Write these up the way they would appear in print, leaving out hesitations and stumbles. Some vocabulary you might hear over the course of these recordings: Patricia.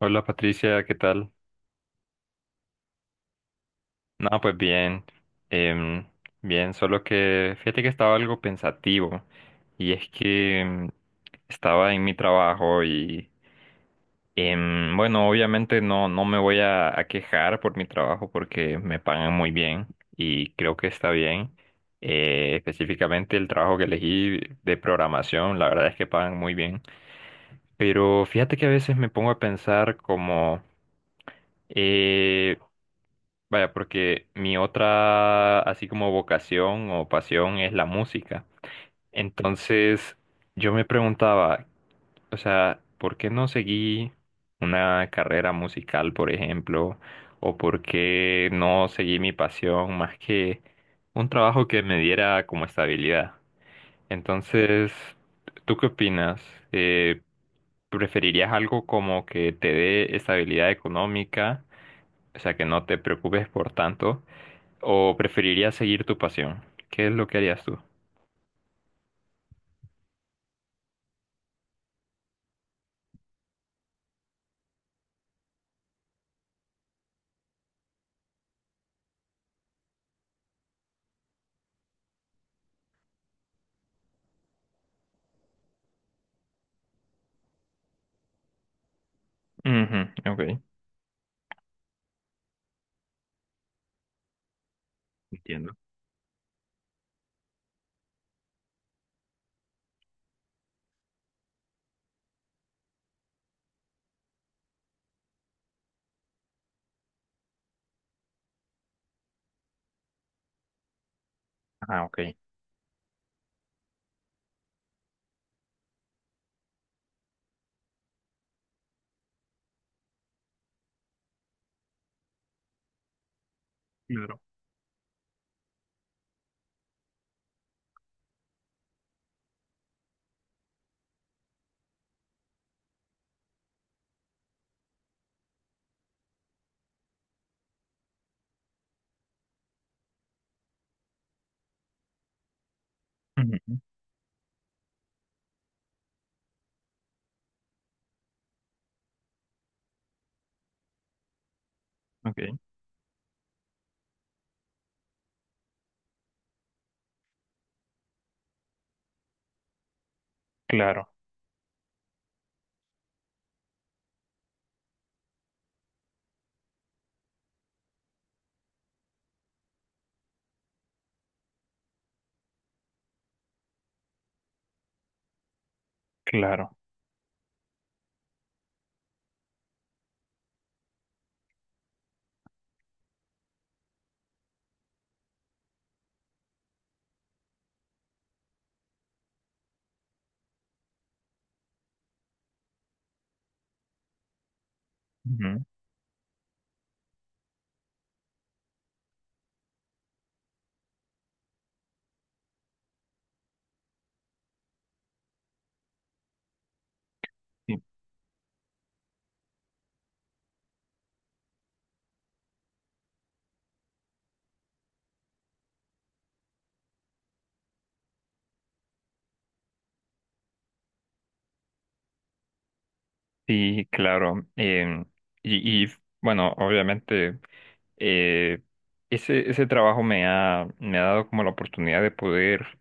Hola Patricia, ¿qué tal? No, pues bien, em, bien, solo que fíjate que estaba algo pensativo y es que estaba en mi trabajo y bueno, obviamente no me voy a quejar por mi trabajo porque me pagan muy bien y creo que está bien. Específicamente el trabajo que elegí de programación, la verdad es que pagan muy bien. Pero fíjate que a veces me pongo a pensar como... Eh, Vaya, porque mi otra, así como vocación o pasión, es la música. Entonces, yo me preguntaba, o sea, ¿por qué no seguí una carrera musical, por ejemplo? ¿O por qué no seguí mi pasión más que un trabajo que me diera como estabilidad? Entonces, ¿tú qué opinas? Eh, ¿Preferirías algo como que te dé estabilidad económica? O sea, que no te preocupes por tanto. ¿O preferirías seguir tu pasión? ¿Qué es lo que harías tú? Ujú, ok, entiendo. Ah, ok. Claro. Ujú, ok, claro, claro. Ujú, sí, sí, claro. Em, y, y, bueno, obviamente, eh, ese trabajo me ha dado como la oportunidad de poder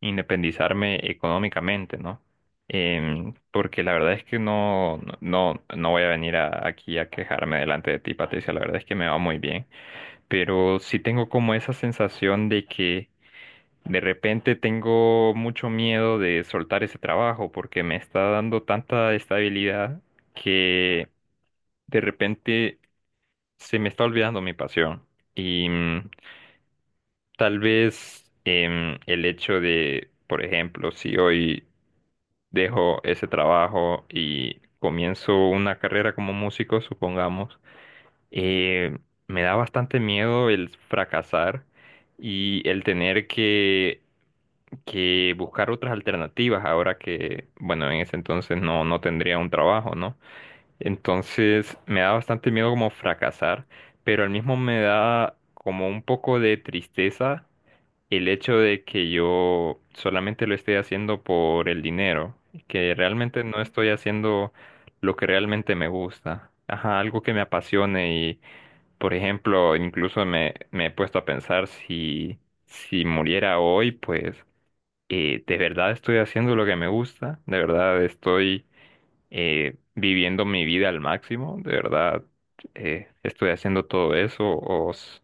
independizarme económicamente, ¿no? Em, porque la verdad es que no voy a venir aquí a quejarme delante de ti, Patricia. La verdad es que me va muy bien. Pero sí tengo como esa sensación de que de repente tengo mucho miedo de soltar ese trabajo porque me está dando tanta estabilidad que de repente se me está olvidando mi pasión. Y tal vez el hecho de, por ejemplo, si hoy dejo ese trabajo y comienzo una carrera como músico, supongamos, eh, me da bastante miedo el fracasar y el tener que buscar otras alternativas ahora que, bueno, en ese entonces no tendría un trabajo, ¿no? Entonces me da bastante miedo como fracasar, pero al mismo me da como un poco de tristeza el hecho de que yo solamente lo esté haciendo por el dinero, que realmente no estoy haciendo lo que realmente me gusta. Ajá, algo que me apasione, por ejemplo, incluso me he puesto a pensar si, si muriera hoy, pues de verdad estoy haciendo lo que me gusta, de verdad estoy viviendo mi vida al máximo, de verdad estoy haciendo todo eso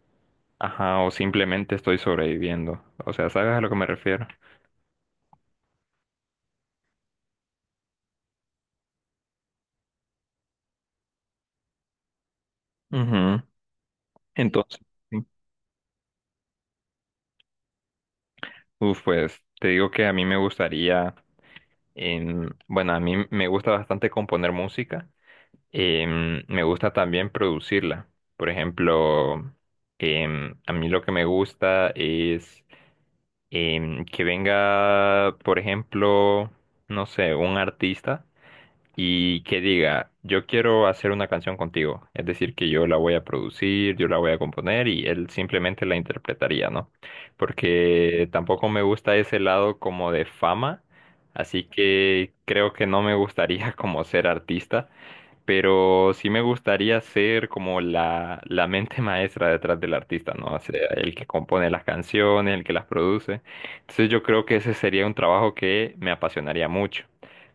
ajá, o simplemente estoy sobreviviendo. O sea, ¿sabes a lo que me refiero? Ujú. Entonces, sí. Uf, pues te digo que a mí me gustaría, bueno, a mí me gusta bastante componer música. Em, me gusta también producirla. Por ejemplo, a mí lo que me gusta es que venga, por ejemplo, no sé, un artista y que diga, yo quiero hacer una canción contigo. Es decir, que yo la voy a producir, yo la voy a componer y él simplemente la interpretaría, ¿no? Porque tampoco me gusta ese lado como de fama, así que creo que no me gustaría como ser artista, pero sí me gustaría ser como la mente maestra detrás del artista, ¿no? O sea, el que compone las canciones, el que las produce. Entonces yo creo que ese sería un trabajo que me apasionaría mucho.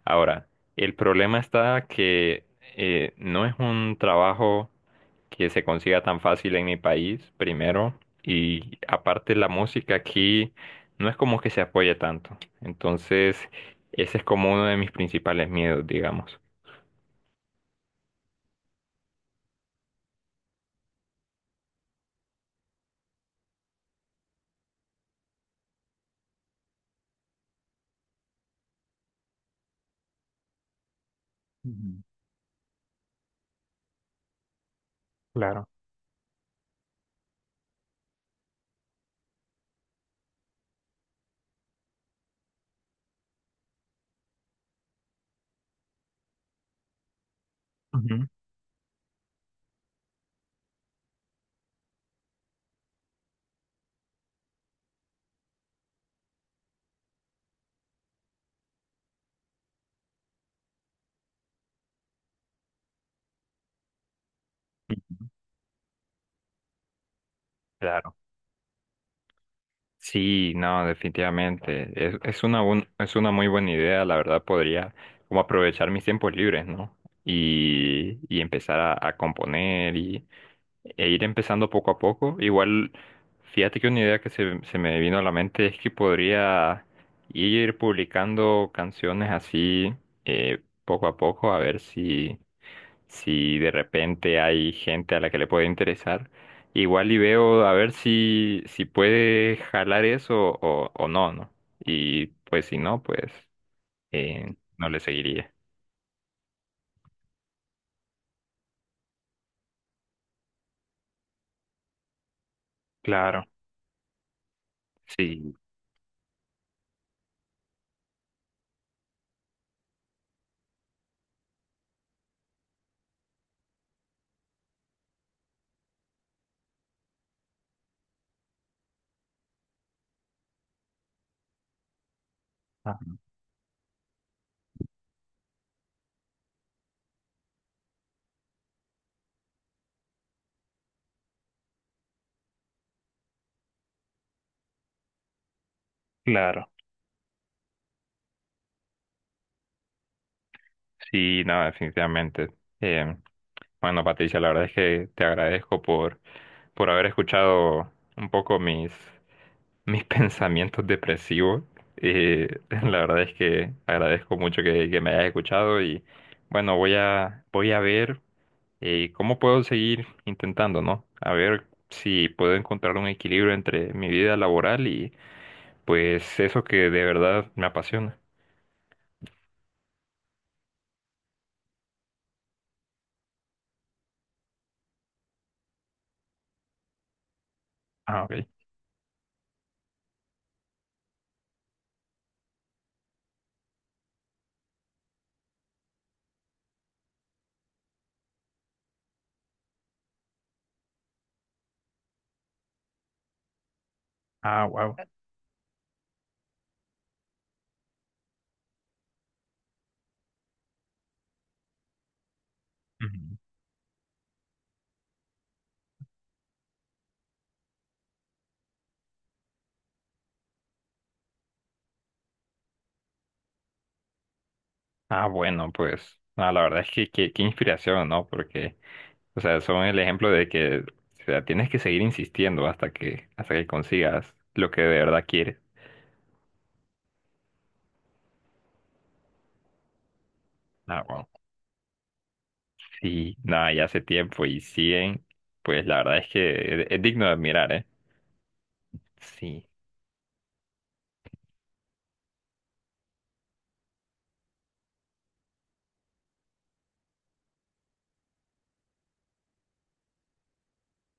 Ahora, el problema está que no es un trabajo que se consiga tan fácil en mi país, primero, y aparte la música aquí no es como que se apoye tanto. Entonces, ese es como uno de mis principales miedos, digamos. Ujú. Claro. Ujú, ujú, claro. Sí, no, definitivamente. Es una es una muy buena idea, la verdad podría como aprovechar mis tiempos libres, ¿no? Y empezar a componer y e ir empezando poco a poco. Igual, fíjate que una idea que se me vino a la mente es que podría ir publicando canciones así poco a poco, a ver si de repente hay gente a la que le puede interesar, igual y veo a ver si, si puede jalar eso o no, ¿no? Y pues si no, pues no le seguiría. Claro, sí, ah, claro. Sí, no, definitivamente. Eh, bueno, Patricia, la verdad es que te agradezco por haber escuchado un poco mis pensamientos depresivos. La verdad es que agradezco mucho que me hayas escuchado y bueno, voy a ver cómo puedo seguir intentando, ¿no? A ver si puedo encontrar un equilibrio entre mi vida laboral y pues eso que de verdad me apasiona. Ah, ok. Ah, wow. Ujú. Ah, bueno, pues ah, la verdad es que qué inspiración, ¿no? Porque o sea, son el ejemplo de que, o sea, tienes que seguir insistiendo hasta que consigas lo que de verdad quieres. Ah, wow. Sí, nada, ya hace tiempo y siguen, pues la verdad es que es digno de admirar, ¿eh? Sí.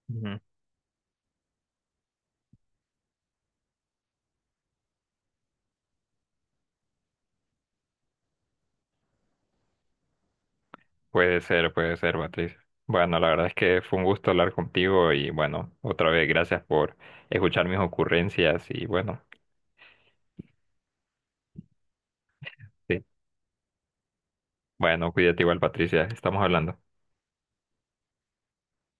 Ujú. Puede ser, Patricia. Bueno, la verdad es que fue un gusto hablar contigo y bueno, otra vez gracias por escuchar mis ocurrencias y bueno, sí. Bueno, cuídate igual, Patricia, estamos hablando.